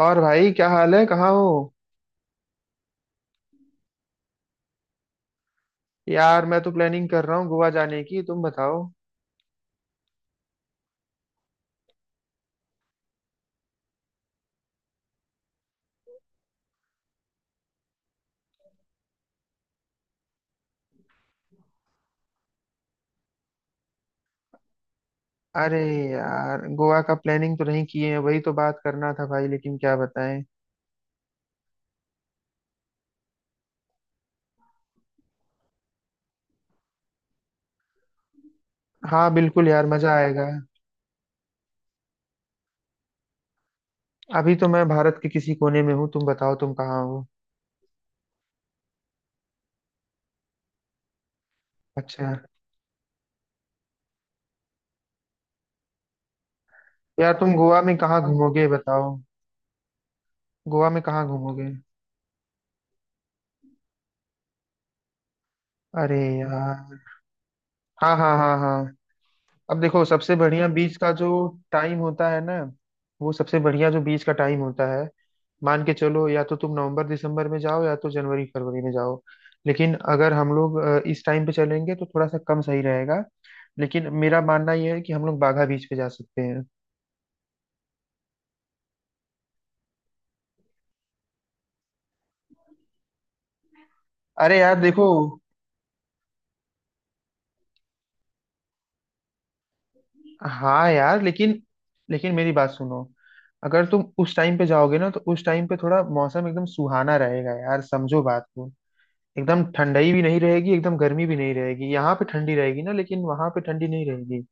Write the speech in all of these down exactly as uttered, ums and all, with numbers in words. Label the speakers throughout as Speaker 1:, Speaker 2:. Speaker 1: और भाई, क्या हाल है? कहाँ हो? यार, मैं तो प्लानिंग कर रहा हूँ गोवा जाने की। तुम बताओ। अरे यार, गोवा का प्लानिंग तो नहीं किए हैं, वही तो बात करना था भाई, लेकिन क्या बताएं। हाँ, बिल्कुल यार, मजा आएगा। अभी तो मैं भारत के किसी कोने में हूँ। तुम बताओ, तुम कहाँ हो? अच्छा। यार, तुम गोवा में कहाँ घूमोगे, बताओ। गोवा में कहाँ घूमोगे? अरे यार। हाँ, हाँ, हाँ, हाँ। अब देखो, सबसे बढ़िया बीच का जो टाइम होता है ना। वो सबसे बढ़िया जो बीच का टाइम होता है। मान के चलो, या तो तुम नवंबर दिसंबर में जाओ या तो जनवरी फरवरी में जाओ। लेकिन अगर हम लोग अ, इस टाइम पे चलेंगे तो थोड़ा सा कम सही रहेगा। लेकिन मेरा मानना यह है कि हम लोग बाघा बीच पे जा सकते हैं। अरे यार, देखो। हाँ यार, लेकिन लेकिन मेरी बात सुनो। अगर तुम उस टाइम पे जाओगे ना तो उस टाइम पे थोड़ा मौसम एकदम सुहाना रहेगा यार, समझो बात को। एकदम ठंडाई भी नहीं रहेगी, एकदम गर्मी भी नहीं रहेगी, यहाँ पे ठंडी रहेगी ना लेकिन वहां पे ठंडी नहीं रहेगी।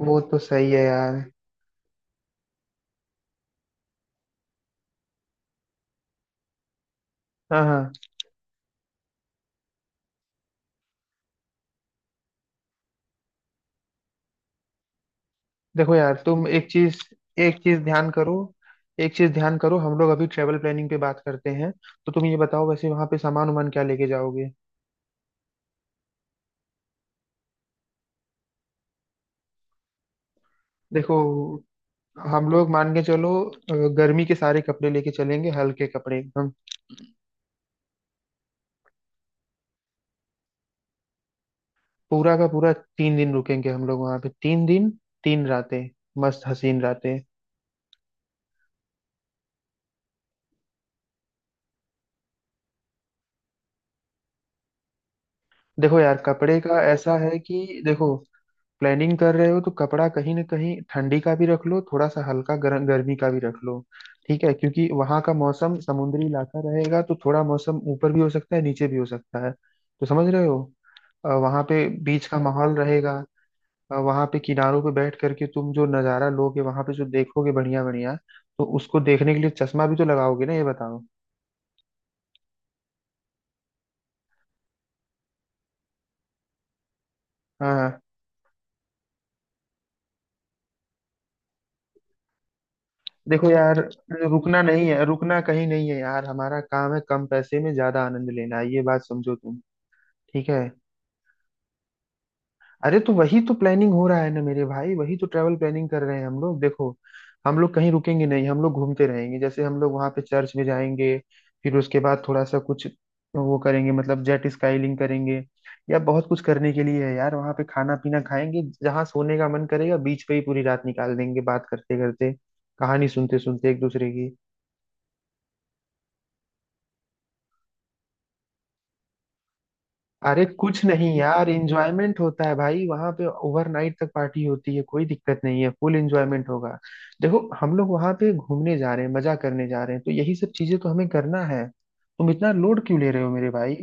Speaker 1: वो तो सही है यार। हाँ, हाँ। देखो यार, तुम एक चीज, एक चीज ध्यान करो, एक चीज ध्यान करो, हम लोग अभी ट्रेवल प्लानिंग पे बात करते हैं। तो तुम ये बताओ, वैसे वहां पे सामान उमान क्या लेके जाओगे? देखो, हम लोग मान के चलो अ, गर्मी के सारे कपड़े लेके चलेंगे, हल्के कपड़े एकदम। पूरा का पूरा तीन दिन रुकेंगे हम लोग वहां पे, तीन दिन। तीन रातें, मस्त हसीन रातें। देखो यार, कपड़े का ऐसा है कि देखो, प्लानिंग कर रहे हो तो कपड़ा कहीं ना कहीं ठंडी का भी रख लो, थोड़ा सा हल्का गर, गर्मी का भी रख लो। ठीक है, क्योंकि वहां का मौसम समुद्री इलाका रहेगा तो थोड़ा मौसम ऊपर भी हो सकता है नीचे भी हो सकता है। तो समझ रहे हो। अ, वहां पे बीच का माहौल रहेगा। अ, वहां पे किनारों पे बैठ करके तुम जो नज़ारा लोगे वहां पे जो देखोगे, बढ़िया बढ़िया। तो उसको देखने के लिए चश्मा भी तो लगाओगे ना, ये बताओ। हाँ। देखो यार, रुकना नहीं है, रुकना कहीं नहीं है यार, हमारा काम है कम पैसे में ज्यादा आनंद लेना, ये बात समझो तुम। ठीक है। अरे तो वही तो प्लानिंग हो रहा है ना मेरे भाई, वही तो ट्रैवल प्लानिंग कर रहे हैं हम लोग, देखो। हम लोग कहीं रुकेंगे नहीं, हम लोग घूमते रहेंगे। जैसे हम लोग वहां पे चर्च में जाएंगे, फिर उसके बाद थोड़ा सा कुछ वो करेंगे, मतलब जेट स्काईलिंग करेंगे या बहुत कुछ करने के लिए है यार वहां पे। खाना पीना खाएंगे, जहाँ सोने का मन करेगा बीच पे ही पूरी रात निकाल देंगे बात करते करते, कहानी सुनते सुनते एक दूसरे की। अरे कुछ नहीं यार, एंजॉयमेंट होता है भाई, वहां पे ओवरनाइट तक पार्टी होती है, कोई दिक्कत नहीं है, फुल एंजॉयमेंट होगा। देखो, हम लोग वहां पे घूमने जा रहे हैं, मजा करने जा रहे हैं, तो यही सब चीजें तो हमें करना है, तुम इतना लोड क्यों ले रहे हो मेरे भाई।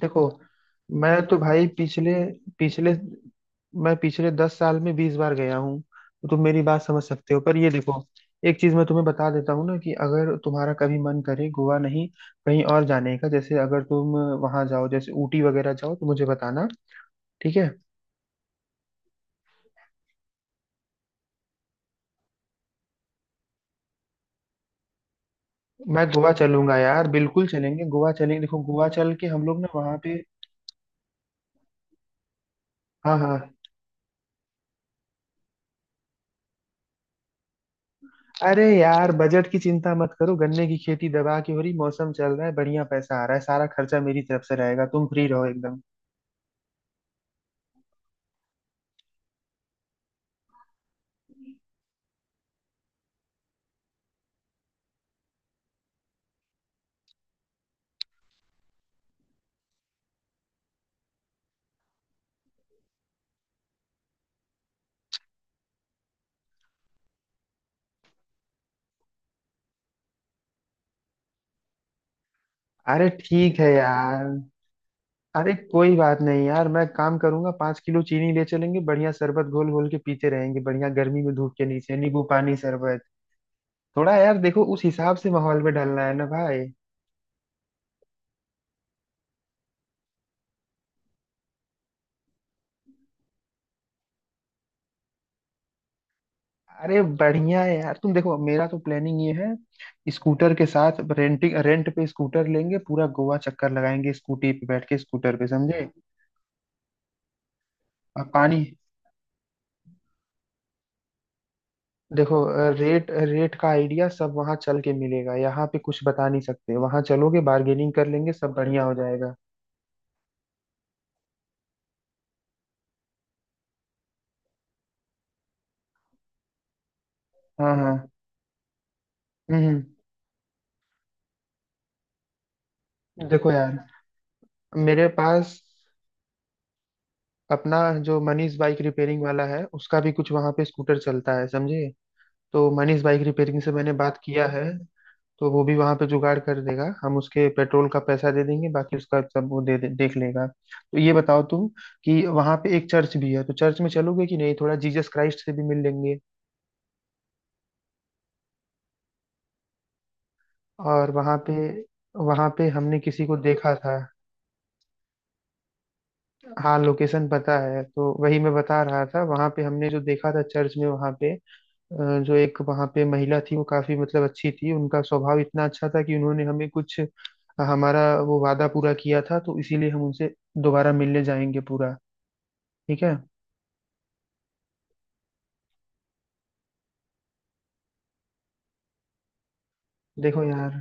Speaker 1: देखो, मैं तो भाई पिछले पिछले मैं पिछले दस साल में बीस बार गया हूँ। तो तुम मेरी बात समझ सकते हो, पर ये देखो, एक चीज मैं तुम्हें बता देता हूँ ना, कि अगर तुम्हारा कभी मन करे गोवा नहीं, कहीं और जाने का, जैसे अगर तुम वहां जाओ जैसे ऊटी वगैरह जाओ तो मुझे बताना, ठीक है। मैं गोवा चलूंगा यार, बिल्कुल चलेंगे, गोवा चलेंगे, देखो गोवा चल के हम लोग ना वहाँ पे। हाँ, हाँ। अरे यार, बजट की चिंता मत करो, गन्ने की खेती दबा के हो रही, मौसम चल रहा है, बढ़िया पैसा आ रहा है, सारा खर्चा मेरी तरफ से रहेगा, तुम फ्री रहो एकदम। अरे ठीक है यार। अरे कोई बात नहीं यार, मैं काम करूंगा, पाँच किलो चीनी ले चलेंगे, बढ़िया शरबत घोल घोल के पीते रहेंगे, बढ़िया गर्मी में धूप के नीचे नींबू पानी शरबत। थोड़ा यार देखो, उस हिसाब से माहौल में ढलना है ना भाई। अरे बढ़िया है यार, तुम देखो मेरा तो प्लानिंग ये है, स्कूटर के साथ रेंटिंग रेंट पे स्कूटर लेंगे, पूरा गोवा चक्कर लगाएंगे, स्कूटी पे बैठ के स्कूटर पे, समझे। और पानी। देखो, रेट रेट का आइडिया सब वहां चल के मिलेगा, यहाँ पे कुछ बता नहीं सकते, वहां चलोगे बार्गेनिंग कर लेंगे, सब बढ़िया हो जाएगा। हाँ, हाँ। हम्म हम्म। देखो यार, मेरे पास अपना जो मनीष बाइक रिपेयरिंग वाला है, उसका भी कुछ वहां पे स्कूटर चलता है, समझे। तो मनीष बाइक रिपेयरिंग से मैंने बात किया है, तो वो भी वहां पे जुगाड़ कर देगा, हम उसके पेट्रोल का पैसा दे देंगे, बाकी उसका सब वो दे, दे देख लेगा। तो ये बताओ तुम कि वहां पे एक चर्च भी है, तो चर्च में चलोगे कि नहीं, थोड़ा जीसस क्राइस्ट से भी मिल लेंगे। और वहां पे, वहां पे हमने किसी को देखा था। हाँ, लोकेशन पता है। तो वही मैं बता रहा था, वहां पे हमने जो देखा था चर्च में वहां पे, अ, जो एक वहां पे महिला थी वो काफी मतलब अच्छी थी, उनका स्वभाव इतना अच्छा था कि उन्होंने हमें कुछ, हमारा वो वादा पूरा किया था, तो इसीलिए हम उनसे दोबारा मिलने जाएंगे पूरा। ठीक है। देखो यार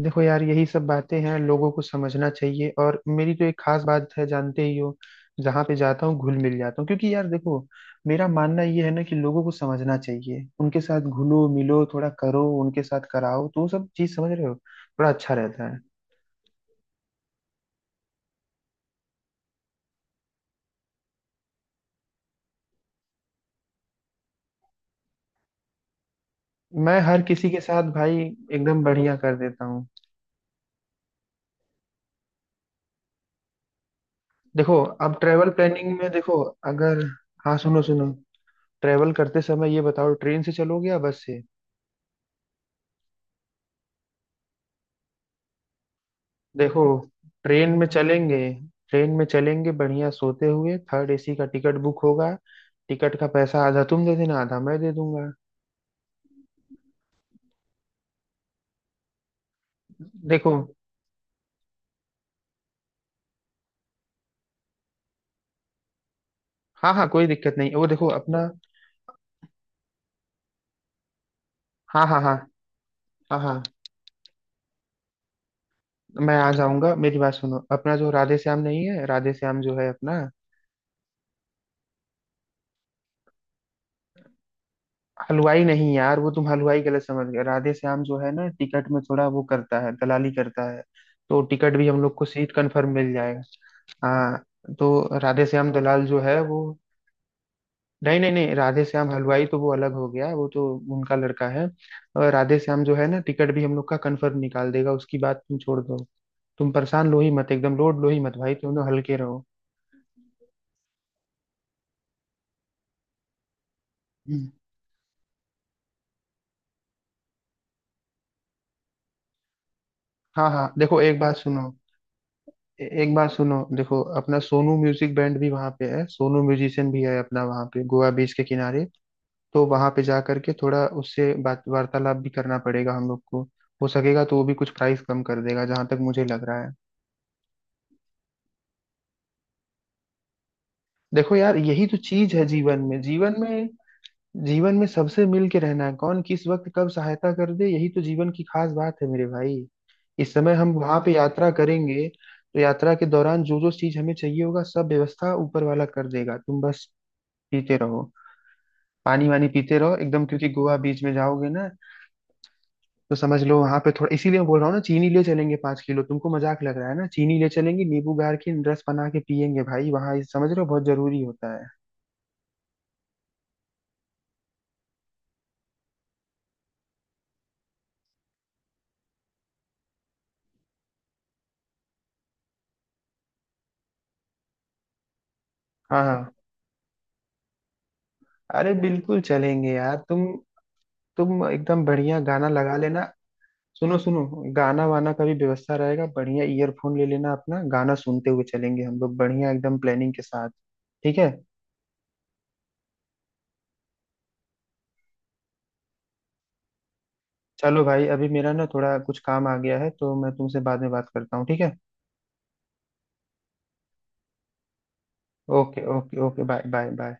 Speaker 1: देखो यार, यही सब बातें हैं, लोगों को समझना चाहिए, और मेरी तो एक खास बात है जानते ही हो, जहाँ पे जाता हूँ घुल मिल जाता हूँ, क्योंकि यार देखो, मेरा मानना ये है ना कि लोगों को समझना चाहिए, उनके साथ घुलो मिलो थोड़ा करो, उनके साथ कराओ, तो वो सब चीज समझ रहे हो, थोड़ा अच्छा रहता है। मैं हर किसी के साथ भाई एकदम बढ़िया कर देता हूँ। देखो, अब ट्रेवल प्लानिंग में देखो, अगर। हाँ, सुनो सुनो, ट्रेवल करते समय ये बताओ ट्रेन से चलोगे या बस से? देखो, ट्रेन में चलेंगे, ट्रेन में चलेंगे, बढ़िया सोते हुए थर्ड एसी का टिकट बुक होगा, टिकट का पैसा आधा तुम दे देना, आधा मैं दे दूंगा। देखो। हाँ, हाँ, कोई दिक्कत नहीं, वो देखो अपना। हाँ, हाँ, हाँ, हाँ, हाँ। मैं आ जाऊंगा, मेरी बात सुनो, अपना जो राधे श्याम नहीं है, राधे श्याम जो है अपना, हलवाई नहीं यार, वो तुम हलवाई गलत समझ गए, राधे श्याम जो है ना टिकट में थोड़ा वो करता है, दलाली करता है, तो टिकट भी हम लोग को सीट कंफर्म मिल जाएगा। हाँ। तो राधे श्याम दलाल जो है वो, नहीं नहीं नहीं, राधे श्याम हलवाई तो वो अलग हो गया, वो तो उनका लड़का है। और राधे श्याम जो है ना टिकट भी हम लोग का कंफर्म निकाल देगा, उसकी बात तुम छोड़ दो, तुम परेशान लो ही मत, एकदम लोड लो ही मत भाई, तुम लोग हल्के रहो। हम्म, हाँ हाँ, देखो एक बात सुनो। ए- एक बात सुनो, देखो अपना सोनू म्यूजिक बैंड भी वहाँ पे है, सोनू म्यूजिशियन भी है अपना वहाँ पे गोवा बीच के किनारे, तो वहाँ पे जा करके थोड़ा उससे बात वार्तालाप भी करना पड़ेगा हम लोग को। हो सकेगा तो वो भी कुछ प्राइस कम कर देगा, जहाँ तक मुझे लग रहा है। देखो यार, यही तो चीज है जीवन में, जीवन में, जीवन में सबसे मिल के रहना है, कौन किस वक्त कब सहायता कर दे, यही तो जीवन की खास बात है मेरे भाई। इस समय हम वहां पे यात्रा करेंगे, तो यात्रा के दौरान जो जो चीज हमें चाहिए होगा सब व्यवस्था ऊपर वाला कर देगा, तुम बस पीते रहो, पानी वानी पीते रहो एकदम, क्योंकि गोवा बीच में जाओगे ना, तो समझ लो वहां पे थोड़ा, इसीलिए मैं बोल रहा हूँ ना चीनी ले चलेंगे पाँच किलो, तुमको मजाक लग रहा है ना, चीनी ले चलेंगे नींबू गार की रस बना के पियेंगे भाई वहां, समझ रहे हो, बहुत जरूरी होता है। हाँ, हाँ। अरे बिल्कुल चलेंगे यार तुम तुम एकदम बढ़िया गाना लगा लेना, सुनो सुनो, गाना वाना का भी व्यवस्था रहेगा, बढ़िया ईयरफोन ले लेना अपना गाना सुनते हुए चलेंगे हम लोग बढ़िया एकदम प्लानिंग के साथ, ठीक है। चलो भाई, अभी मेरा ना थोड़ा कुछ काम आ गया है, तो मैं तुमसे बाद में बात करता हूँ, ठीक है। Okay, okay, okay, bye, bye, bye.